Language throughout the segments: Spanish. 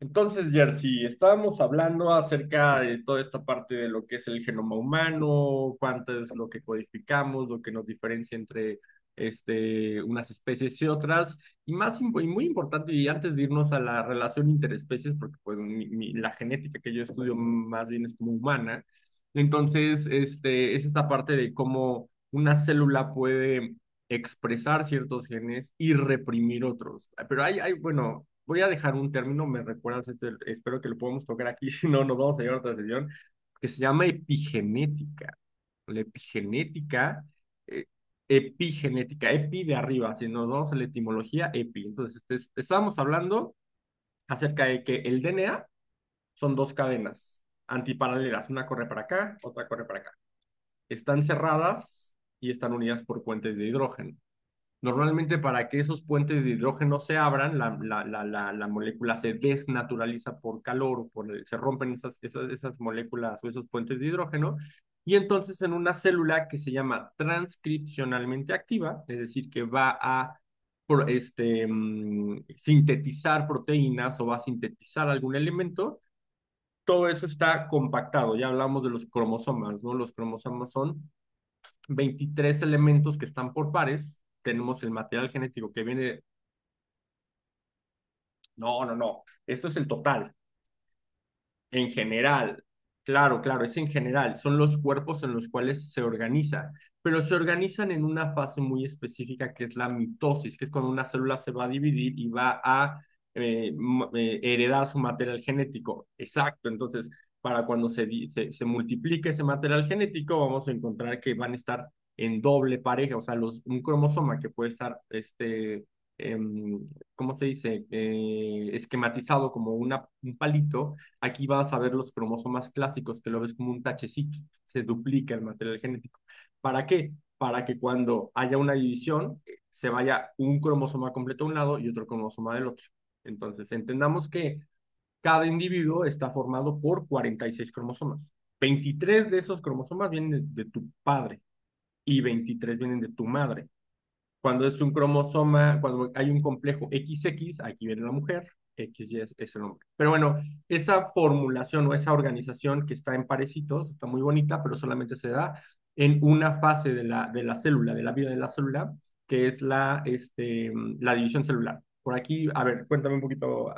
Entonces, Jersey, estábamos hablando acerca de toda esta parte de lo que es el genoma humano, cuánto es lo que codificamos, lo que nos diferencia entre unas especies y otras, y más y muy importante, y antes de irnos a la relación interespecies, porque pues la genética que yo estudio más bien es como humana, entonces es esta parte de cómo una célula puede expresar ciertos genes y reprimir otros. Ah, pero hay, bueno, voy a dejar un término, me recuerdas, espero que lo podamos tocar aquí, si no, nos vamos a llevar a otra sesión, que se llama epigenética. La epigenética, eh, epigenética, epi de arriba, si nos vamos a la etimología, epi. Entonces, estábamos hablando acerca de que el DNA son dos cadenas antiparalelas, una corre para acá, otra corre para acá. Están cerradas y están unidas por puentes de hidrógeno. Normalmente para que esos puentes de hidrógeno se abran, la molécula se desnaturaliza por calor, o por se rompen esas moléculas o esos puentes de hidrógeno, y entonces en una célula que se llama transcripcionalmente activa, es decir, que va a sintetizar proteínas o va a sintetizar algún elemento, todo eso está compactado. Ya hablamos de los cromosomas, ¿no? Los cromosomas son 23 elementos que están por pares, tenemos el material genético que viene, no, no, no, esto es el total. En general, claro, claro, es en general, son los cuerpos en los cuales se organizan, pero se organizan en una fase muy específica que es la mitosis, que es cuando una célula se va a dividir y va a heredar su material genético. Exacto, entonces, para cuando se multiplique ese material genético, vamos a encontrar que van a estar en doble pareja, o sea, un cromosoma que puede estar, em, ¿cómo se dice? Esquematizado como un palito. Aquí vas a ver los cromosomas clásicos, que lo ves como un tachecito, se duplica el material genético. ¿Para qué? Para que cuando haya una división, se vaya un cromosoma completo a un lado y otro cromosoma del otro. Entonces, entendamos que cada individuo está formado por 46 cromosomas. 23 de esos cromosomas vienen de tu padre y 23 vienen de tu madre. Cuando es un cromosoma, cuando hay un complejo XX, aquí viene la mujer, XY es el hombre. Pero bueno, esa formulación o esa organización que está en parecitos está muy bonita, pero solamente se da en una fase de de la célula, de la vida de la célula, que es la división celular. Por aquí, a ver, cuéntame un poquito.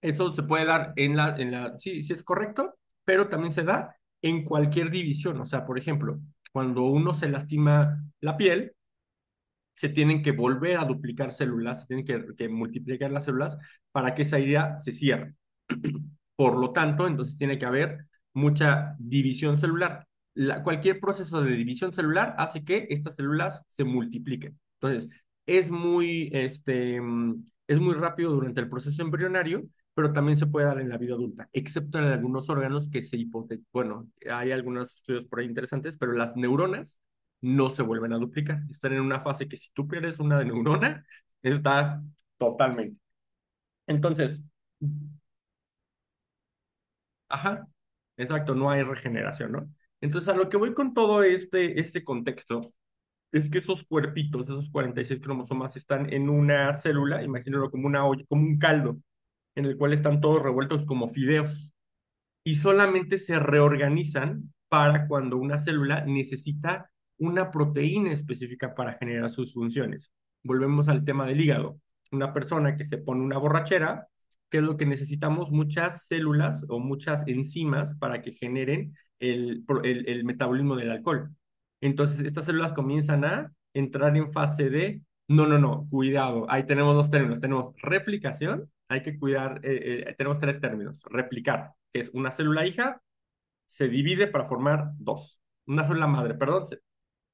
Eso se puede dar sí, sí es correcto, pero también se da en cualquier división. O sea, por ejemplo, cuando uno se lastima la piel, se tienen que volver a duplicar células, se tienen que multiplicar las células para que esa idea se cierre. Por lo tanto, entonces tiene que haber mucha división celular. Cualquier proceso de división celular hace que estas células se multipliquen. Entonces, es muy rápido durante el proceso embrionario, pero también se puede dar en la vida adulta, excepto en algunos órganos que se hipotecan. Bueno, hay algunos estudios por ahí interesantes, pero las neuronas no se vuelven a duplicar. Están en una fase que si tú pierdes una neurona, está totalmente. Entonces, ajá, exacto, no hay regeneración, ¿no? Entonces, a lo que voy con todo este contexto es que esos cuerpitos, esos 46 cromosomas, están en una célula, imagínalo como una olla, como un caldo, en el cual están todos revueltos como fideos y solamente se reorganizan para cuando una célula necesita una proteína específica para generar sus funciones. Volvemos al tema del hígado. Una persona que se pone una borrachera, ¿qué es lo que necesitamos? Muchas células o muchas enzimas para que generen el metabolismo del alcohol. Entonces, estas células comienzan a entrar en fase de, no, no, no, cuidado, ahí tenemos dos términos, tenemos replicación. Hay que cuidar, tenemos tres términos. Replicar, que es una célula hija, se divide para formar dos. Una sola madre, perdón.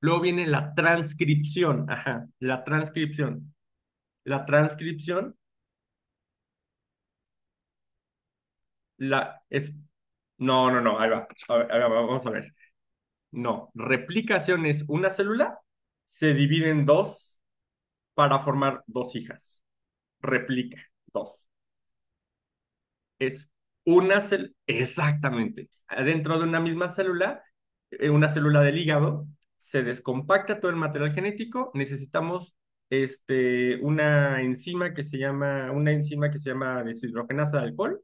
Luego viene la transcripción, ajá, la transcripción. La transcripción, la es... no, no, no, ahí va. A ver, ahí va, vamos a ver. No, replicación es una célula, se divide en dos para formar dos hijas. Replica, dos. Es una célula, exactamente, dentro de una misma célula, una célula del hígado, se descompacta todo el material genético, necesitamos una enzima que se llama, una enzima que se llama deshidrogenasa de alcohol,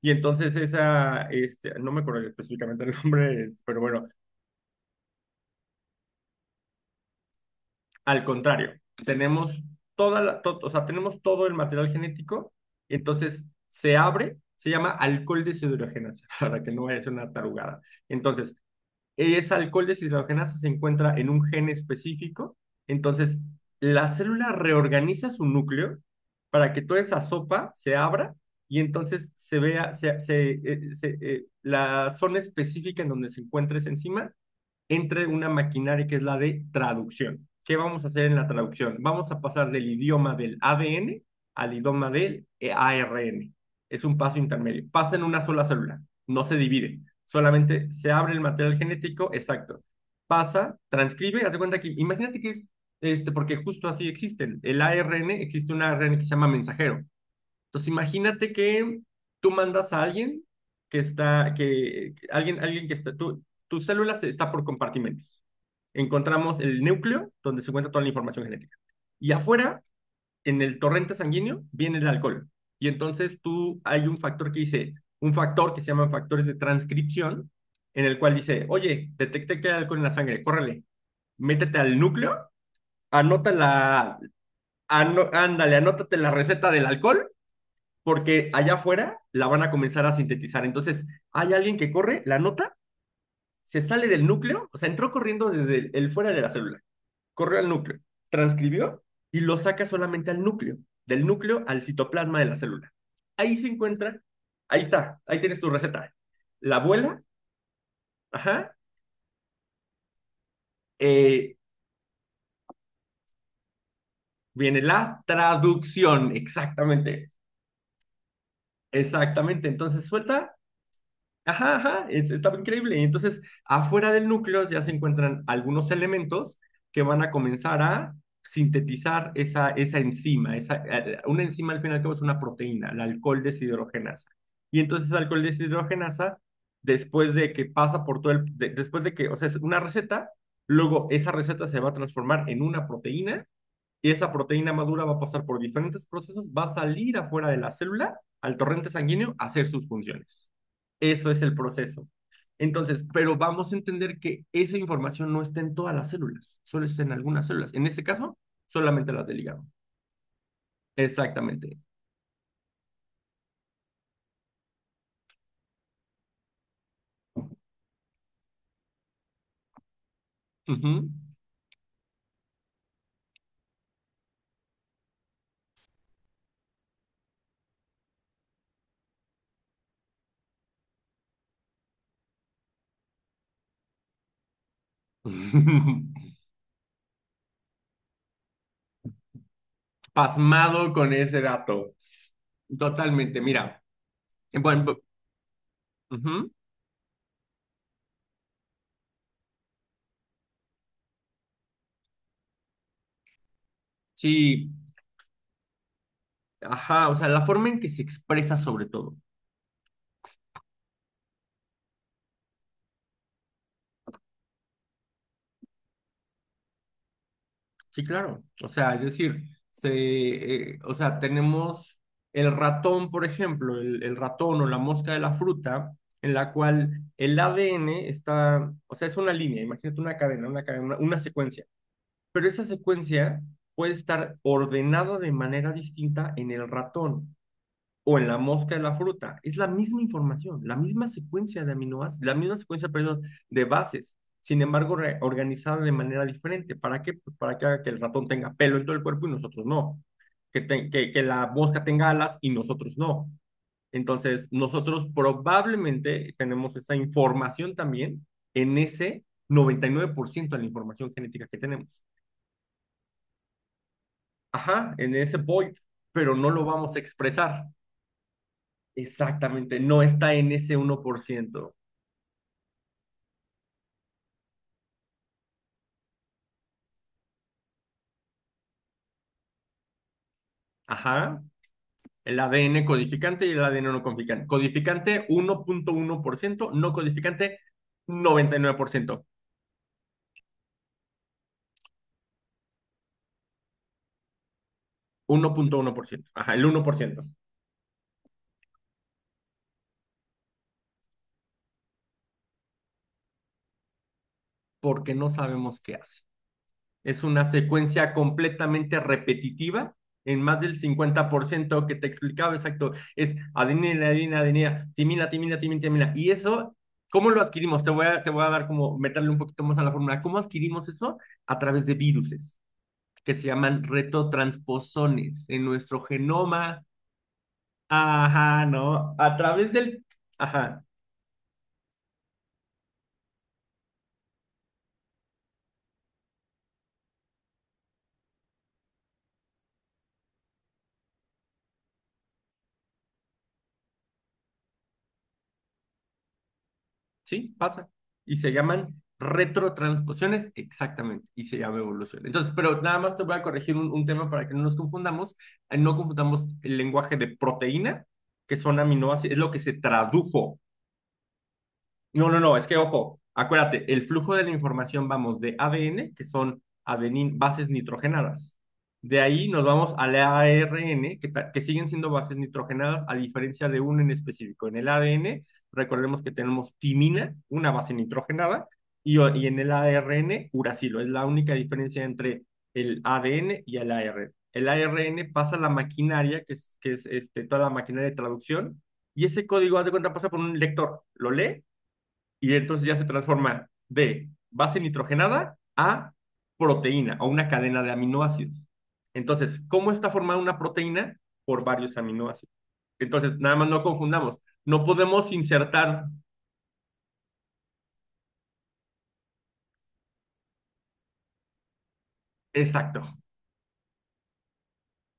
y entonces esa, no me acuerdo específicamente el nombre, pero bueno, al contrario, tenemos toda la, o sea, tenemos todo el material genético, entonces se abre, se llama alcohol deshidrogenasa, para que no vaya a ser una tarugada. Entonces, ese alcohol deshidrogenasa se encuentra en un gen específico, entonces la célula reorganiza su núcleo para que toda esa sopa se abra y entonces se vea se, se, se, la zona específica en donde se encuentra esa enzima entre una maquinaria que es la de traducción. ¿Qué vamos a hacer en la traducción? Vamos a pasar del idioma del ADN al idioma del ARN. Es un paso intermedio. Pasa en una sola célula, no se divide, solamente se abre el material genético exacto. Pasa, transcribe, haz de cuenta que, imagínate que es, porque justo así existen. El ARN, existe un ARN que se llama mensajero. Entonces, imagínate que tú mandas a alguien que está, que alguien, alguien que está, tu célula está por compartimentos. Encontramos el núcleo, donde se encuentra toda la información genética. Y afuera, en el torrente sanguíneo, viene el alcohol. Y entonces hay un factor que dice, un factor que se llaman factores de transcripción, en el cual dice, oye, detecté que hay alcohol en la sangre, córrele, métete al núcleo, anota la, ándale, anótate la receta del alcohol porque allá afuera la van a comenzar a sintetizar. Entonces, hay alguien que corre, la nota se sale del núcleo, o sea, entró corriendo desde el fuera de la célula, corrió al núcleo, transcribió y lo saca solamente al núcleo, del núcleo al citoplasma de la célula. Ahí se encuentra, ahí está, ahí tienes tu receta. La abuela, ajá, eh, viene la traducción, exactamente, exactamente. Entonces, suelta. Ajá, ajá, estaba increíble. Y entonces, afuera del núcleo ya se encuentran algunos elementos que van a comenzar a sintetizar esa, esa enzima. Esa, una enzima al final que es una proteína, la alcohol deshidrogenasa. Y entonces, el alcohol deshidrogenasa, después de que pasa por todo el, después de que, o sea, es una receta, luego esa receta se va a transformar en una proteína y esa proteína madura va a pasar por diferentes procesos, va a salir afuera de la célula al torrente sanguíneo a hacer sus funciones. Eso es el proceso. Entonces, pero vamos a entender que esa información no está en todas las células, solo está en algunas células. En este caso, solamente las del hígado. Exactamente. Ujú. Pasmado con ese dato. Totalmente, mira. Bueno, ujú. Sí, ajá, o sea, la forma en que se expresa sobre todo. Sí, claro. O sea, es decir, o sea, tenemos el ratón, por ejemplo, el ratón o la mosca de la fruta, en la cual el ADN está, o sea, es una línea, imagínate una cadena, una secuencia. Pero esa secuencia puede estar ordenada de manera distinta en el ratón o en la mosca de la fruta. Es la misma información, la misma secuencia de aminoácidos, la misma secuencia, perdón, de bases. Sin embargo, organizada de manera diferente. ¿Para qué? Pues para que haga que el ratón tenga pelo en todo el cuerpo y nosotros no. Que la mosca tenga alas y nosotros no. Entonces, nosotros probablemente tenemos esa información también en ese 99% de la información genética que tenemos. Ajá, en ese void, pero no lo vamos a expresar. Exactamente, no está en ese 1%. Ajá. El ADN codificante y el ADN no codificante. Codificante 1.1%, no codificante 99%. 1.1%. Ajá, el 1%, porque no sabemos qué hace. Es una secuencia completamente repetitiva en más del 50% que te explicaba, exacto, es adenina, adenina, adenina, timina, timina, timina, timina. Y eso, ¿cómo lo adquirimos? Te voy a dar como, meterle un poquito más a la fórmula. ¿Cómo adquirimos eso? A través de viruses, que se llaman retotransposones en nuestro genoma. Ajá, ¿no? A través del... Ajá. Sí, pasa. Y se llaman retrotransposiciones, exactamente, y se llama evolución. Entonces, pero nada más te voy a corregir un tema para que no nos confundamos. No confundamos el lenguaje de proteína, que son aminoácidos, es lo que se tradujo. No, es que ojo, acuérdate, el flujo de la información vamos de ADN, que son adenin, bases nitrogenadas. De ahí nos vamos al ARN, que siguen siendo bases nitrogenadas, a diferencia de uno en específico. En el ADN, recordemos que tenemos timina, una base nitrogenada, y en el ARN, uracilo. Es la única diferencia entre el ADN y el ARN. El ARN pasa la maquinaria, toda la maquinaria de traducción, y ese código, haz de cuenta, pasa por un lector, lo lee y entonces ya se transforma de base nitrogenada a proteína o una cadena de aminoácidos. Entonces, ¿cómo está formada una proteína? Por varios aminoácidos. Entonces, nada más no confundamos, no podemos insertar. Exacto.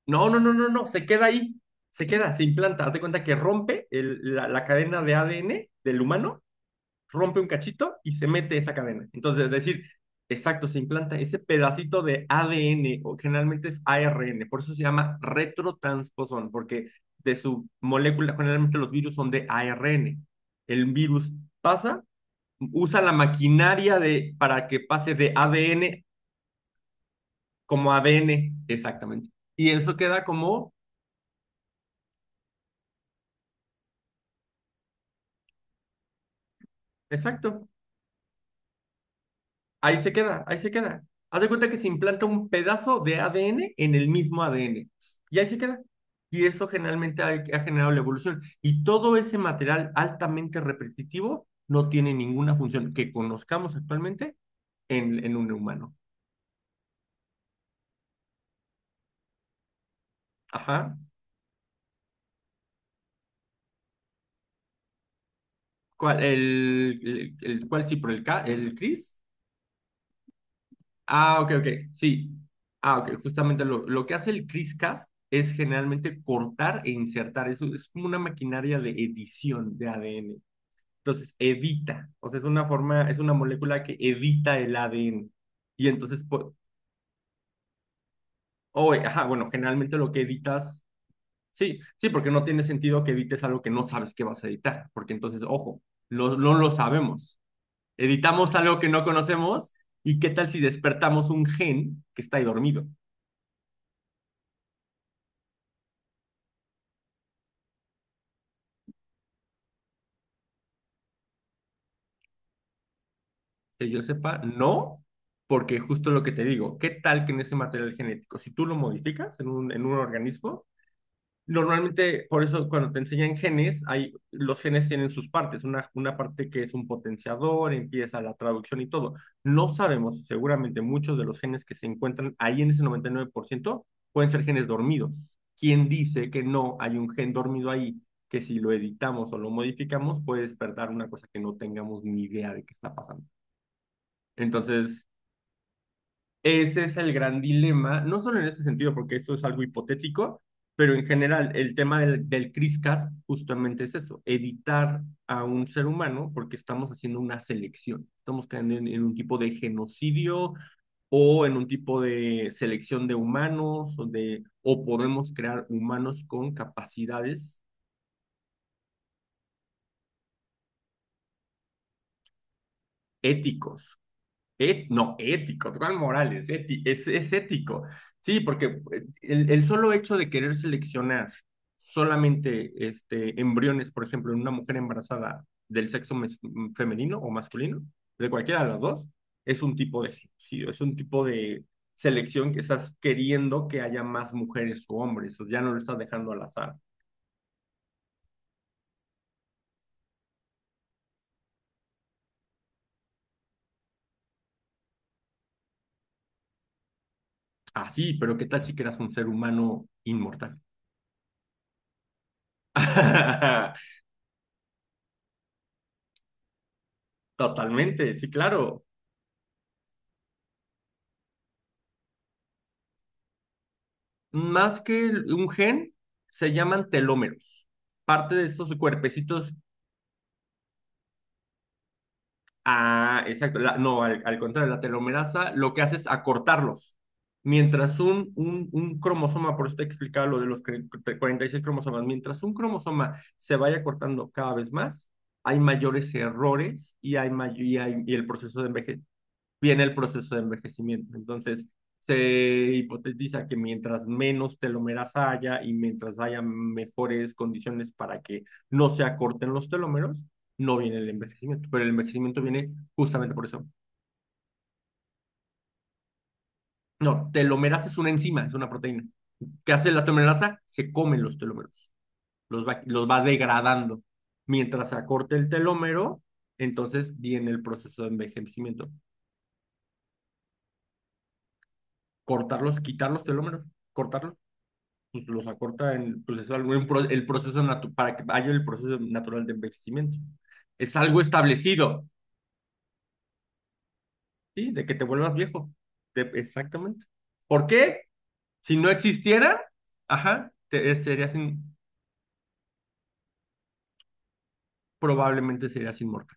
No, no, no, no, no, se queda ahí, se queda, se implanta. Haz de cuenta que rompe la cadena de ADN del humano, rompe un cachito y se mete esa cadena. Entonces, es decir, exacto, se implanta ese pedacito de ADN, o generalmente es ARN, por eso se llama retrotransposón, porque de su molécula, generalmente los virus son de ARN. El virus pasa, usa la maquinaria de, para que pase de ADN como ADN, exactamente. Y eso queda como, exacto. Ahí se queda, ahí se queda. Haz de cuenta que se implanta un pedazo de ADN en el mismo ADN. Y ahí se queda. Y eso generalmente ha generado la evolución. Y todo ese material altamente repetitivo no tiene ninguna función que conozcamos actualmente en un humano. Ajá. ¿Cuál, cuál sí, por el, el CRISPR? Ah, ok, ok. Sí. Ah, ok. Justamente lo que hace el CRISPR-Cas es generalmente cortar e insertar. Eso es como una maquinaria de edición de ADN. Entonces evita, o sea, es una forma, es una molécula que evita el ADN. Y entonces, pues, o, ajá, bueno, generalmente lo que evitas, sí, sí, porque no tiene sentido que evites algo que no sabes que vas a editar, porque entonces, ojo, no lo sabemos. Editamos algo que no conocemos y qué tal si despertamos un gen que está ahí dormido. Que yo sepa, no, porque justo lo que te digo, ¿qué tal que en ese material genético, si tú lo modificas en un organismo? Normalmente, por eso cuando te enseñan genes, hay, los genes tienen sus partes, una parte que es un potenciador, empieza la traducción y todo. No sabemos, seguramente muchos de los genes que se encuentran ahí en ese 99% pueden ser genes dormidos. ¿Quién dice que no hay un gen dormido ahí que si lo editamos o lo modificamos puede despertar una cosa que no tengamos ni idea de qué está pasando? Entonces, ese es el gran dilema, no solo en ese sentido, porque esto es algo hipotético, pero en general el tema del CRISCAS justamente es eso, editar a un ser humano porque estamos haciendo una selección, estamos cayendo en un tipo de genocidio o en un tipo de selección de humanos o podemos crear humanos con capacidades éticos No, ético, ¿cuál Morales? Es ético. Sí, porque el solo hecho de querer seleccionar solamente este, embriones, por ejemplo, en una mujer embarazada del sexo femenino o masculino, de cualquiera de las dos, es un tipo de genocidio, es un tipo de selección que estás queriendo que haya más mujeres o hombres, ya no lo estás dejando al azar. Ah, sí, pero ¿qué tal si creas un ser humano inmortal? Totalmente, sí, claro. Más que un gen, se llaman telómeros. Parte de estos cuerpecitos, ah, exacto, no, al contrario, la telomerasa lo que hace es acortarlos. Mientras un cromosoma, por eso te explicaba lo de los 46 cromosomas, mientras un cromosoma se vaya cortando cada vez más, hay mayores errores y, hay may- y, hay- y el proceso de viene el proceso de envejecimiento. Entonces, se hipotetiza que mientras menos telómeras haya y mientras haya mejores condiciones para que no se acorten los telómeros, no viene el envejecimiento, pero el envejecimiento viene justamente por eso. No, telomerasa es una enzima, es una proteína. ¿Qué hace la telomerasa? Se comen los telómeros, los va degradando. Mientras se acorte el telómero, entonces viene el proceso de envejecimiento. Cortarlos, quitar los telómeros, cortarlos. Pues los acorta en, el para que haya el proceso natural de envejecimiento. Es algo establecido, ¿sí? De que te vuelvas viejo. De- exactamente. ¿Por qué? Si no existiera, ajá, serías probablemente serías inmortal,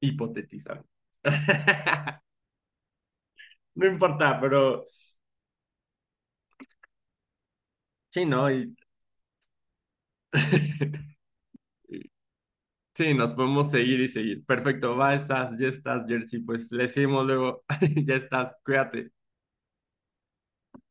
hipotetizando. No importa, pero sí, ¿no? Y... Sí, nos podemos seguir y seguir. Perfecto, va, estás, ya estás, Jersey. Pues le seguimos luego. Ya estás, cuídate.